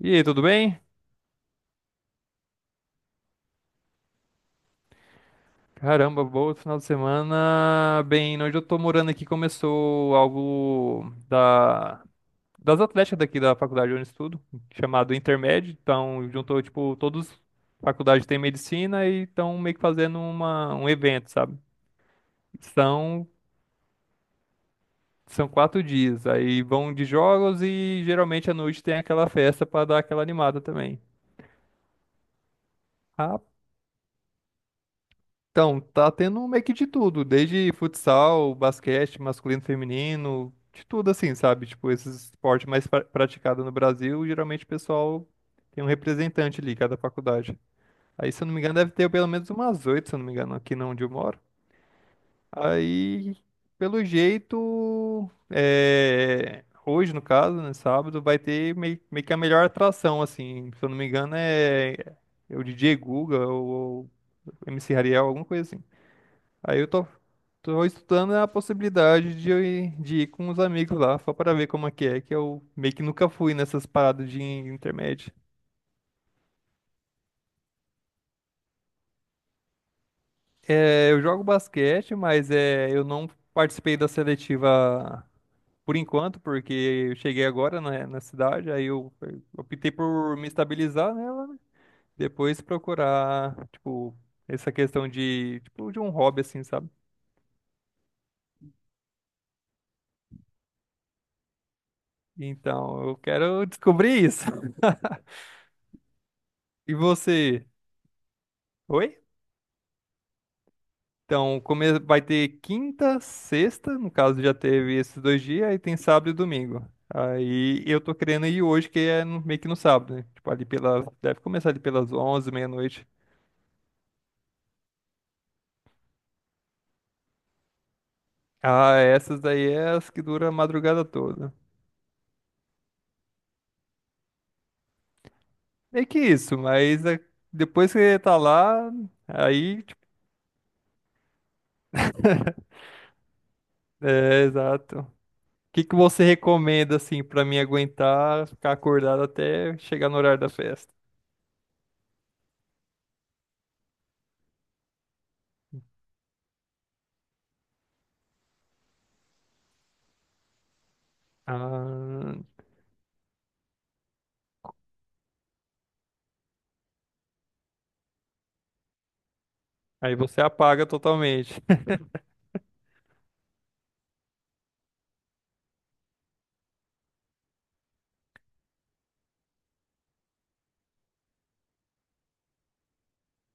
E aí, tudo bem? Caramba, bom final de semana. Bem, né, onde eu tô morando aqui começou algo das atléticas daqui da faculdade onde eu estudo, chamado Intermed. Então, juntou, tipo, todos faculdades têm medicina e estão meio que fazendo um evento, sabe? São, são 4 dias. Aí vão de jogos e geralmente à noite tem aquela festa pra dar aquela animada também. Ah, então, tá tendo meio que de tudo, desde futsal, basquete, masculino, feminino, de tudo assim, sabe? Tipo, esses esportes mais praticados no Brasil, geralmente o pessoal tem um representante ali, cada faculdade. Aí, se eu não me engano, deve ter pelo menos umas oito, se eu não me engano, aqui na onde eu moro. Aí, pelo jeito, é, hoje, no caso, né, sábado, vai ter meio que a melhor atração, assim, se eu não me engano, é o DJ Guga ou MC Ariel, alguma coisa assim. Aí eu tô estudando a possibilidade de ir com os amigos lá, só para ver como é, que eu meio que nunca fui nessas paradas de intermédio. É, eu jogo basquete, mas é, eu não participei da seletiva por enquanto, porque eu cheguei agora na cidade, aí eu optei por me estabilizar nela, depois procurar, tipo, essa questão de, tipo, de um hobby, assim, sabe? Então, eu quero descobrir isso. E você? Oi? Então, vai ter quinta, sexta, no caso já teve esses 2 dias, aí tem sábado e domingo. Aí eu tô querendo ir hoje, que é meio que no sábado, né? Tipo, ali pela. Deve começar ali pelas 11 meia-noite. Ah, essas daí é as que duram a madrugada toda. Meio que isso, mas é, depois que você tá lá, aí, tipo, é, exato. O que que você recomenda, assim, pra mim aguentar ficar acordado até chegar no horário da festa? Ah, aí você apaga totalmente.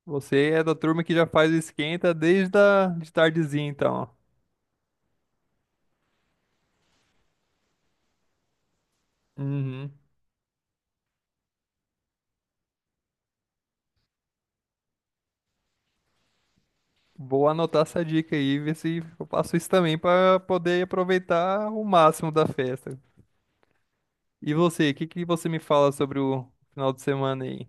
Você é da turma que já faz o esquenta desde de tardezinha, então. Ó. Uhum. Vou anotar essa dica aí, ver se eu faço isso também para poder aproveitar o máximo da festa. E você, o que que você me fala sobre o final de semana aí?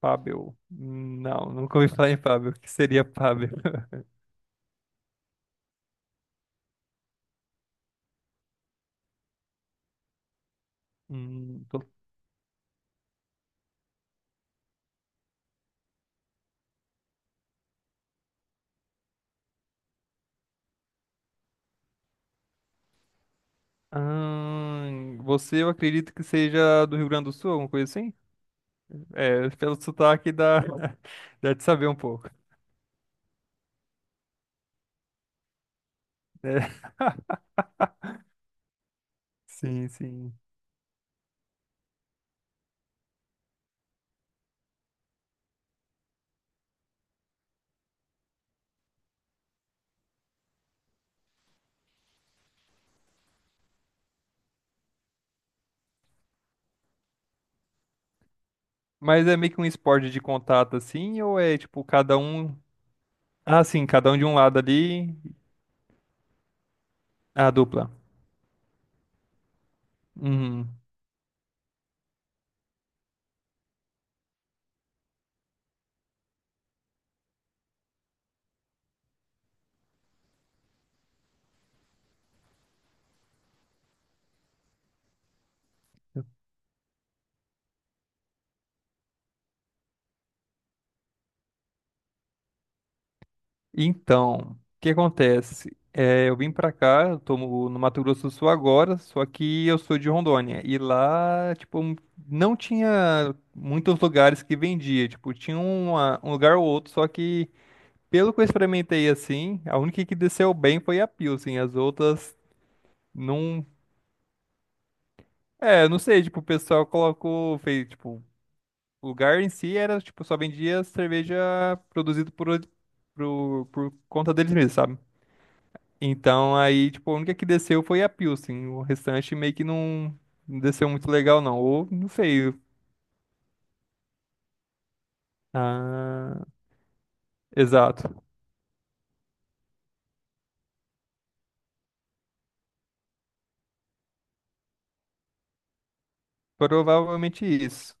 Fábio? Não, nunca ouvi falar em Fábio. O que seria Fábio? Hum. Você, eu acredito que seja do Rio Grande do Sul, alguma coisa assim? É, pelo sotaque dá, dá de saber um pouco. Né? Sim, sim. Mas é meio que um esporte de contato assim, ou é tipo cada um. Ah, sim, cada um de um lado ali, a dupla. Uhum. Então, o que acontece? É, eu vim pra cá, eu tô no Mato Grosso do Sul agora, só que eu sou de Rondônia. E lá, tipo, não tinha muitos lugares que vendia. Tipo, tinha um lugar ou outro, só que pelo que eu experimentei assim, a única que desceu bem foi a Pilsen. As outras não. É, não sei, tipo, o pessoal colocou, fez, tipo. O lugar em si era, tipo, só vendia cerveja produzida por, conta deles mesmos, sabe? Então aí, tipo, a única que desceu foi a Pilsen. O restante meio que não desceu muito legal, não. Ou não sei. Ah, exato. Provavelmente isso.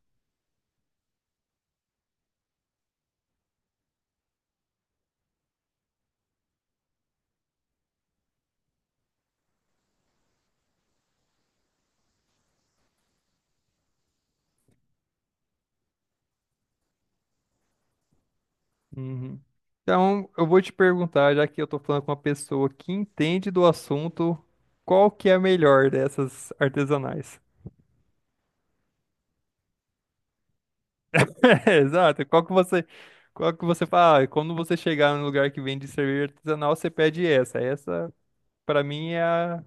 Uhum. Então, eu vou te perguntar, já que eu tô falando com uma pessoa que entende do assunto, qual que é a melhor dessas artesanais? É, exato. Qual que você fala? "Ah, quando você chegar num lugar que vende cerveja artesanal, você pede essa. Essa, pra mim, é a.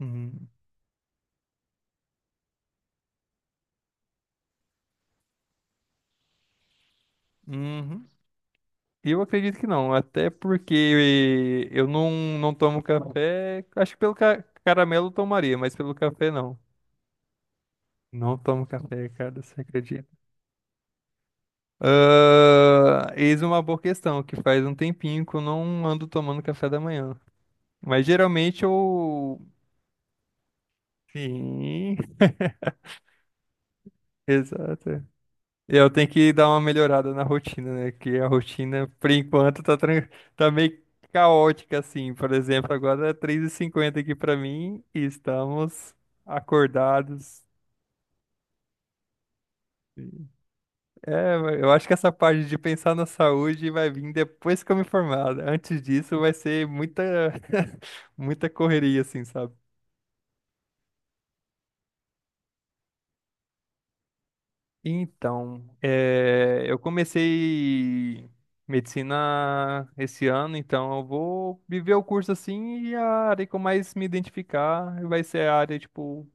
Uhum. Uhum. Eu acredito que não, até porque eu não tomo café. Acho que pelo caramelo eu tomaria, mas pelo café não. Não tomo café, cara, você acredita? Ah, eis uma boa questão, que faz um tempinho que eu não ando tomando café da manhã. Mas geralmente eu. Sim. Exato. Eu tenho que dar uma melhorada na rotina, né? Que a rotina, por enquanto, tá meio caótica, assim. Por exemplo, agora é 3:50 aqui pra mim e estamos acordados. É, eu acho que essa parte de pensar na saúde vai vir depois que eu me formar. Né? Antes disso, vai ser muita, muita correria, assim, sabe? Então, eu comecei medicina esse ano, então eu vou viver o curso assim e a área que eu mais me identificar vai ser a área, tipo,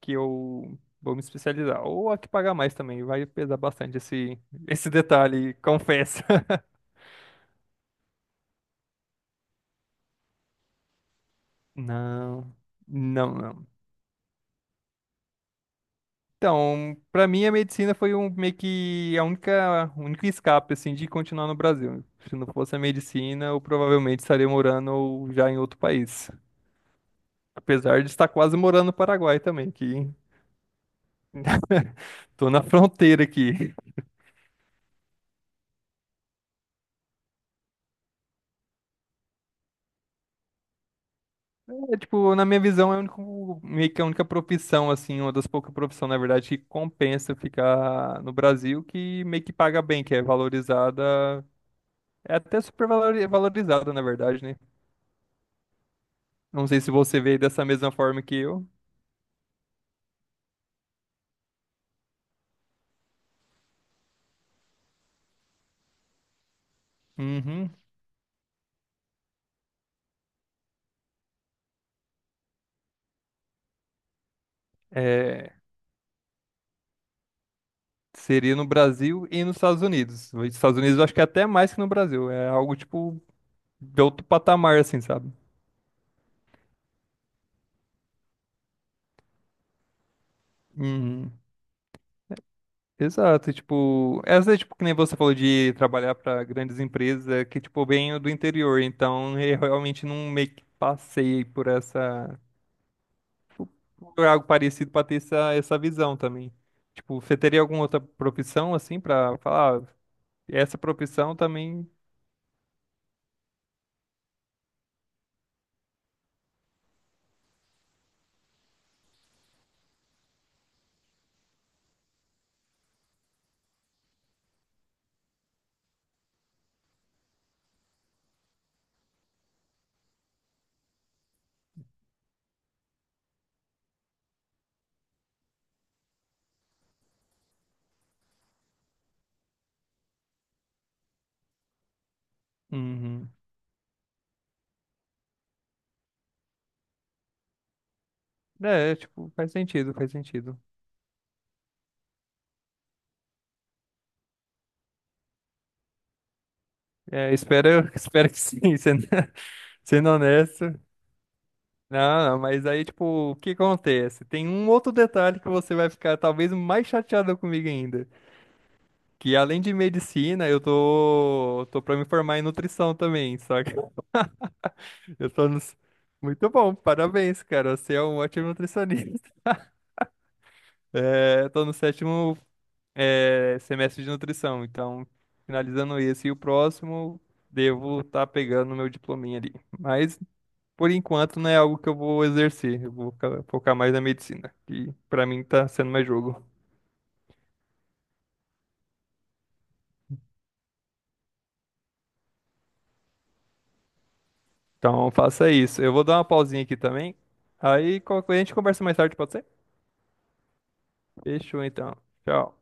que eu vou me especializar. Ou a que pagar mais também, vai pesar bastante esse, esse detalhe, confesso. Não, não, não. Então, pra mim a medicina foi um meio que a única, o único escape assim de continuar no Brasil. Se não fosse a medicina, eu provavelmente estaria morando já em outro país. Apesar de estar quase morando no Paraguai também, que tô na fronteira aqui. É, tipo, na minha visão, é o único, meio que a única profissão assim, uma das poucas profissões, na verdade, que compensa ficar no Brasil, que meio que paga bem, que é valorizada, é até super valorizada, na verdade, né? Não sei se você veio dessa mesma forma que eu. Uhum. É, seria no Brasil e nos Estados Unidos. Nos Estados Unidos eu acho que é até mais que no Brasil. É algo, tipo, de outro patamar, assim, sabe? Uhum. Exato, e, tipo, essa é tipo que nem você falou de trabalhar para grandes empresas, é que tipo eu venho do interior, então eu realmente não meio que passei por essa por algo parecido para ter essa, essa visão também. Tipo, você teria alguma outra profissão assim para falar, "Ah, essa profissão também. Uhum. É, tipo, faz sentido, faz sentido. É, espero, espero que sim, sendo, sendo honesto. Não, não, mas aí, tipo, o que acontece? Tem um outro detalhe que você vai ficar talvez mais chateado comigo ainda. Que além de medicina, eu tô pra me formar em nutrição também, saca? Eu tô no... Muito bom, parabéns, cara. Você é um ótimo nutricionista. É, eu tô no sétimo semestre de nutrição. Então, finalizando esse e o próximo, devo estar pegando meu diplominha ali. Mas, por enquanto, não é algo que eu vou exercer. Eu vou focar mais na medicina, que pra mim tá sendo mais jogo. Então, faça isso. Eu vou dar uma pausinha aqui também. Aí, qualquer coisa, a gente conversa mais tarde, pode ser? Fechou, então. Tchau.